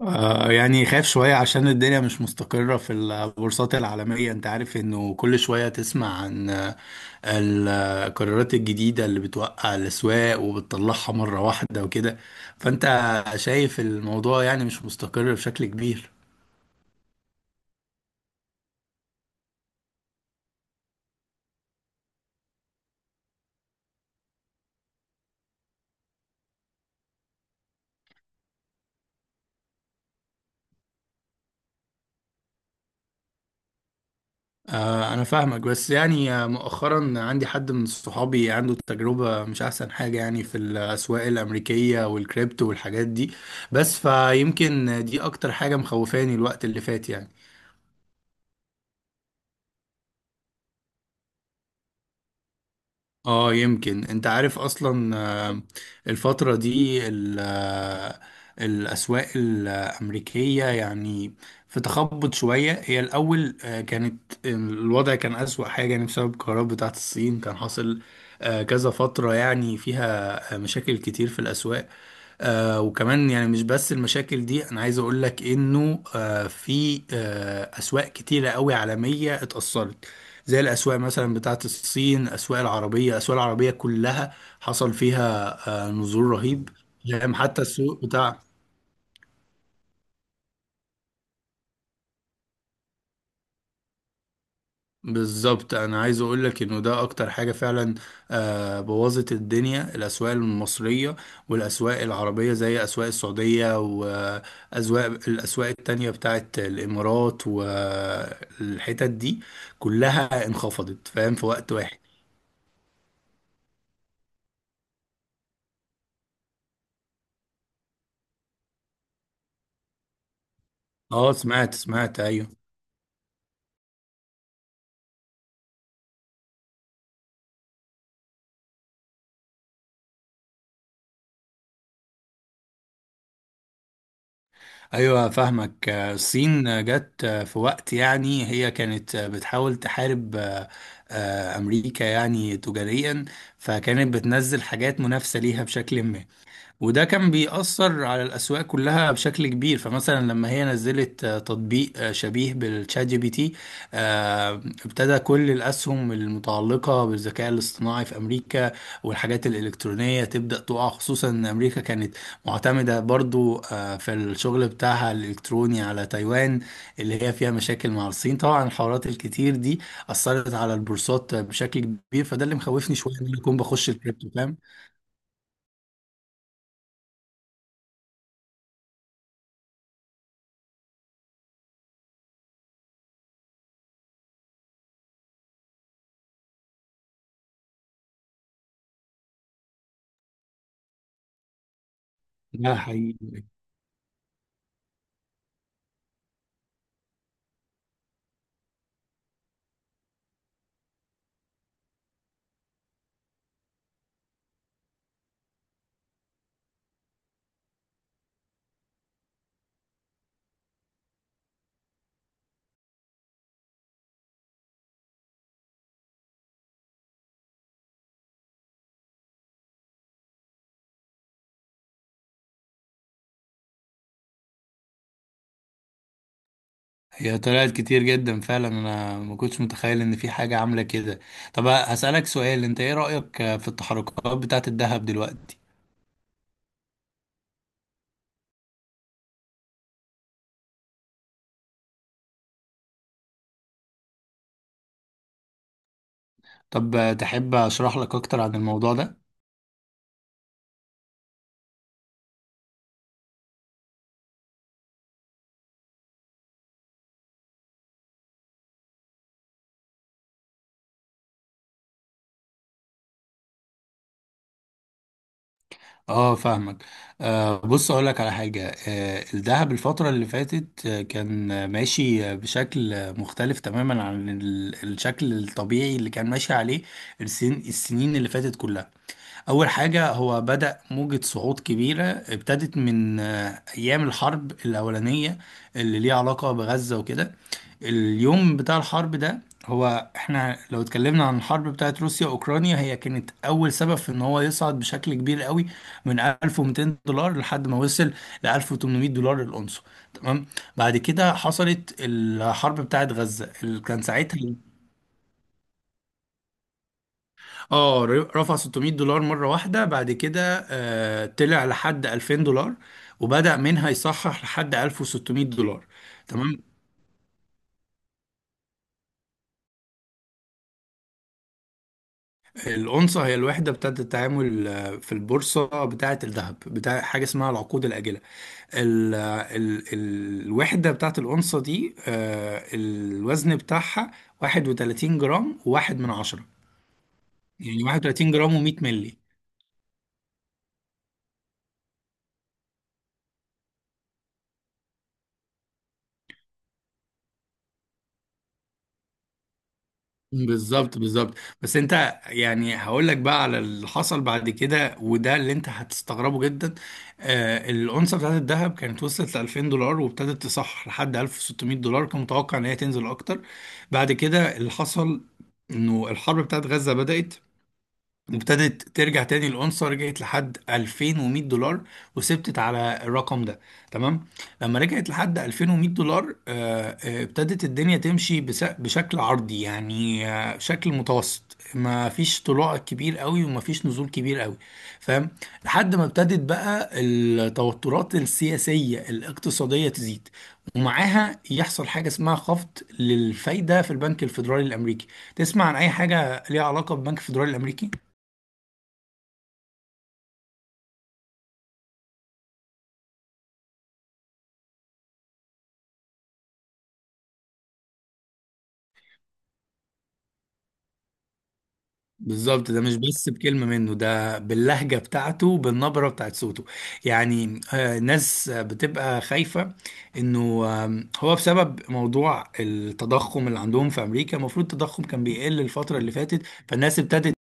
يعني خايف شوية عشان الدنيا مش مستقرة في البورصات العالمية. انت عارف انه كل شوية تسمع عن القرارات الجديدة اللي بتوقع الأسواق وبتطلعها مرة واحدة وكده. فانت شايف الموضوع يعني مش مستقر بشكل كبير. انا فاهمك بس يعني مؤخرا عندي حد من صحابي عنده تجربة مش احسن حاجة يعني في الأسواق الأمريكية والكريبتو والحاجات دي. بس فيمكن دي اكتر حاجة مخوفاني الوقت اللي فات يعني. اه يمكن انت عارف اصلا الفترة دي الاسواق الامريكية يعني في تخبط شوية. هي الاول كانت الوضع كان اسوأ حاجة يعني بسبب القرارات بتاعت الصين. كان حاصل كذا فترة يعني فيها مشاكل كتير في الاسواق. وكمان يعني مش بس المشاكل دي انا عايز اقول لك انه في اسواق كتيره قوي عالميه اتاثرت زي الاسواق مثلا بتاعه الصين. اسواق العربيه الاسواق العربيه كلها حصل فيها نزول رهيب. يعني حتى السوق بتاع. بالظبط انا عايز اقول لك انه ده اكتر حاجه فعلا بوظت الدنيا الاسواق المصريه والاسواق العربيه زي اسواق السعوديه الاسواق التانية بتاعت الامارات والحتت دي كلها انخفضت فاهم في وقت واحد. اه سمعت سمعت ايوه. ايوه فاهمك الصين جت في وقت يعني هي كانت بتحاول تحارب امريكا يعني تجاريا. فكانت بتنزل حاجات منافسه ليها بشكل ما. وده كان بيأثر على الأسواق كلها بشكل كبير. فمثلا لما هي نزلت تطبيق شبيه بالشات جي بي تي آه، ابتدى كل الأسهم المتعلقة بالذكاء الاصطناعي في أمريكا والحاجات الإلكترونية تبدأ تقع. خصوصا إن أمريكا كانت معتمدة برضو في الشغل بتاعها الإلكتروني على تايوان اللي هي فيها مشاكل مع الصين. طبعا الحوارات الكتير دي أثرت على البورصات بشكل كبير فده اللي مخوفني شوية إن أنا أكون بخش الكريبتو فاهم. ده حقيقي. هي طلعت كتير جدا فعلا انا ما كنتش متخيل ان في حاجة عاملة كده. طب هسألك سؤال انت ايه رأيك في التحركات بتاعة الذهب دلوقتي؟ طب تحب اشرح لك اكتر عن الموضوع ده؟ اه فاهمك. آه بص اقول لك على حاجة. آه الذهب الفترة اللي فاتت كان ماشي بشكل مختلف تماما عن الشكل الطبيعي اللي كان ماشي عليه السنين اللي فاتت كلها. أول حاجة هو بدأ موجة صعود كبيرة ابتدت من أيام الحرب الأولانية اللي ليها علاقة بغزة وكده. اليوم بتاع الحرب ده هو احنا لو اتكلمنا عن الحرب بتاعت روسيا وأوكرانيا هي كانت أول سبب في إن هو يصعد بشكل كبير قوي من 1200 دولار لحد ما وصل ل 1800 دولار الأونصة. تمام. بعد كده حصلت الحرب بتاعت غزة اللي كان ساعتها. اه. رفع 600 دولار مرة واحدة بعد كده آه طلع لحد 2000 دولار وبدأ منها يصحح لحد 1600 دولار. تمام. الأونصة هي الوحدة بتاعة التعامل في البورصة بتاعة الذهب بتاع حاجة اسمها العقود الآجلة. ال ال ال الوحدة بتاعة الأونصة دي الوزن بتاعها 31 جرام وواحد من عشرة. يعني 31 جرام و100 مللي. بالظبط بالظبط. بس انت يعني هقول لك بقى على اللي حصل بعد كده وده اللي انت هتستغربه جدا. الأونصة بتاعت الذهب كانت وصلت ل 2000 دولار وابتدت تصح لحد 1600 دولار. كان متوقع ان هي تنزل اكتر. بعد كده اللي حصل انه الحرب بتاعت غزة بدأت. ابتدت ترجع تاني الأونصة رجعت لحد 2100 دولار وثبتت على الرقم ده. تمام. لما رجعت لحد 2100 دولار ابتدت الدنيا تمشي بشكل عرضي يعني شكل متوسط ما فيش طلوع كبير قوي وما فيش نزول كبير قوي فاهم. لحد ما ابتدت بقى التوترات السياسية الاقتصادية تزيد ومعاها يحصل حاجة اسمها خفض للفايدة في البنك الفيدرالي الأمريكي. تسمع عن أي حاجة ليها علاقة بالبنك الفيدرالي الأمريكي؟ بالظبط. ده مش بس بكلمة منه ده باللهجة بتاعته بالنبرة بتاعت صوته. يعني ناس بتبقى خايفة انه هو بسبب موضوع التضخم اللي عندهم في امريكا. المفروض التضخم كان بيقل الفترة اللي فاتت. فالناس ابتدت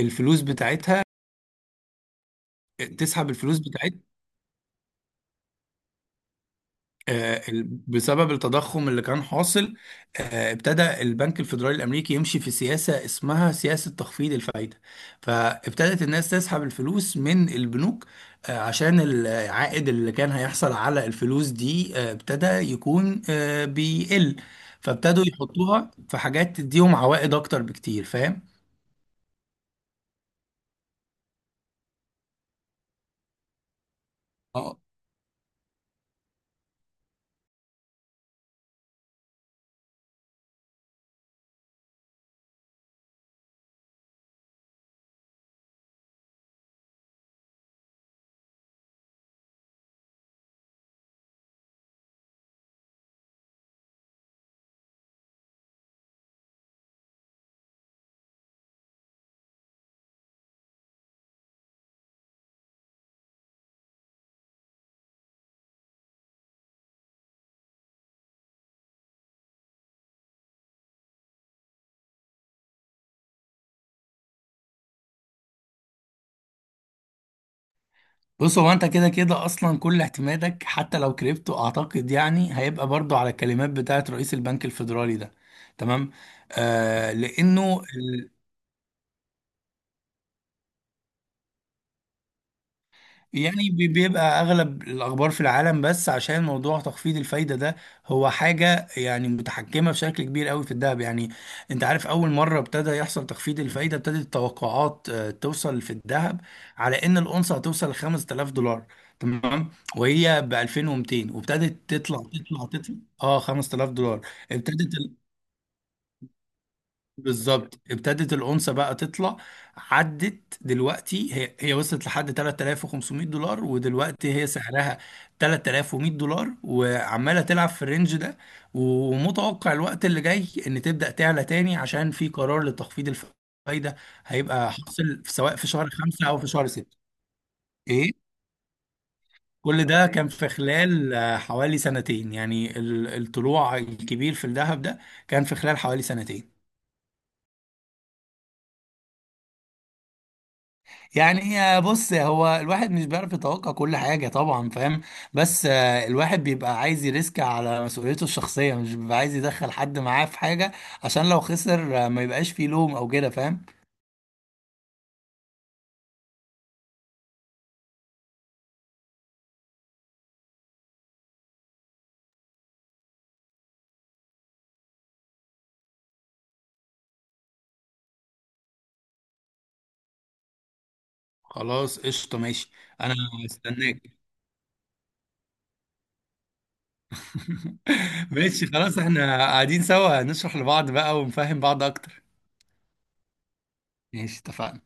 الفلوس بتاعتها تسحب الفلوس بتاعتها. بسبب التضخم اللي كان حاصل ابتدى البنك الفيدرالي الامريكي يمشي في سياسه اسمها سياسه تخفيض الفائده. فابتدت الناس تسحب الفلوس من البنوك عشان العائد اللي كان هيحصل على الفلوس دي ابتدى يكون بيقل. فابتدوا يحطوها في حاجات تديهم عوائد اكتر بكتير فاهم. بص هو انت كده كده اصلا كل اعتمادك حتى لو كريبتو اعتقد يعني هيبقى برضو على الكلمات بتاعت رئيس البنك الفيدرالي ده. تمام. آه لانه بالظبط. يعني بيبقى اغلب الاخبار في العالم بس عشان موضوع تخفيض الفايده ده هو حاجه يعني متحكمه بشكل كبير قوي في الذهب. يعني انت عارف اول مره ابتدى يحصل تخفيض الفايده ابتدت التوقعات توصل في الذهب على ان الاونصه هتوصل ل 5000 دولار. تمام. وهي ب 2200 وابتدت تطلع تطلع تطلع. اه 5000 دولار. ابتدت بالظبط ابتدت الأونصة بقى تطلع. عدت دلوقتي هي وصلت لحد 3500 دولار ودلوقتي هي سعرها 3100 دولار وعمالة تلعب في الرينج ده. ومتوقع الوقت اللي جاي ان تبدأ تعلى تاني عشان في قرار لتخفيض الفايدة هيبقى حاصل سواء في شهر خمسة او في شهر ستة. ايه. كل ده كان في خلال حوالي سنتين يعني الطلوع الكبير في الذهب ده كان في خلال حوالي سنتين. يعني هي بص هو الواحد مش بيعرف يتوقع كل حاجة طبعا فاهم. بس الواحد بيبقى عايز يريسك على مسؤوليته الشخصية مش بيبقى عايز يدخل حد معاه في حاجة عشان لو خسر ما يبقاش فيه لوم او كده فاهم. خلاص قشطة ماشي. أنا استناك. ماشي خلاص احنا قاعدين سوا نشرح لبعض بقى ونفهم بعض أكتر. ماشي اتفقنا.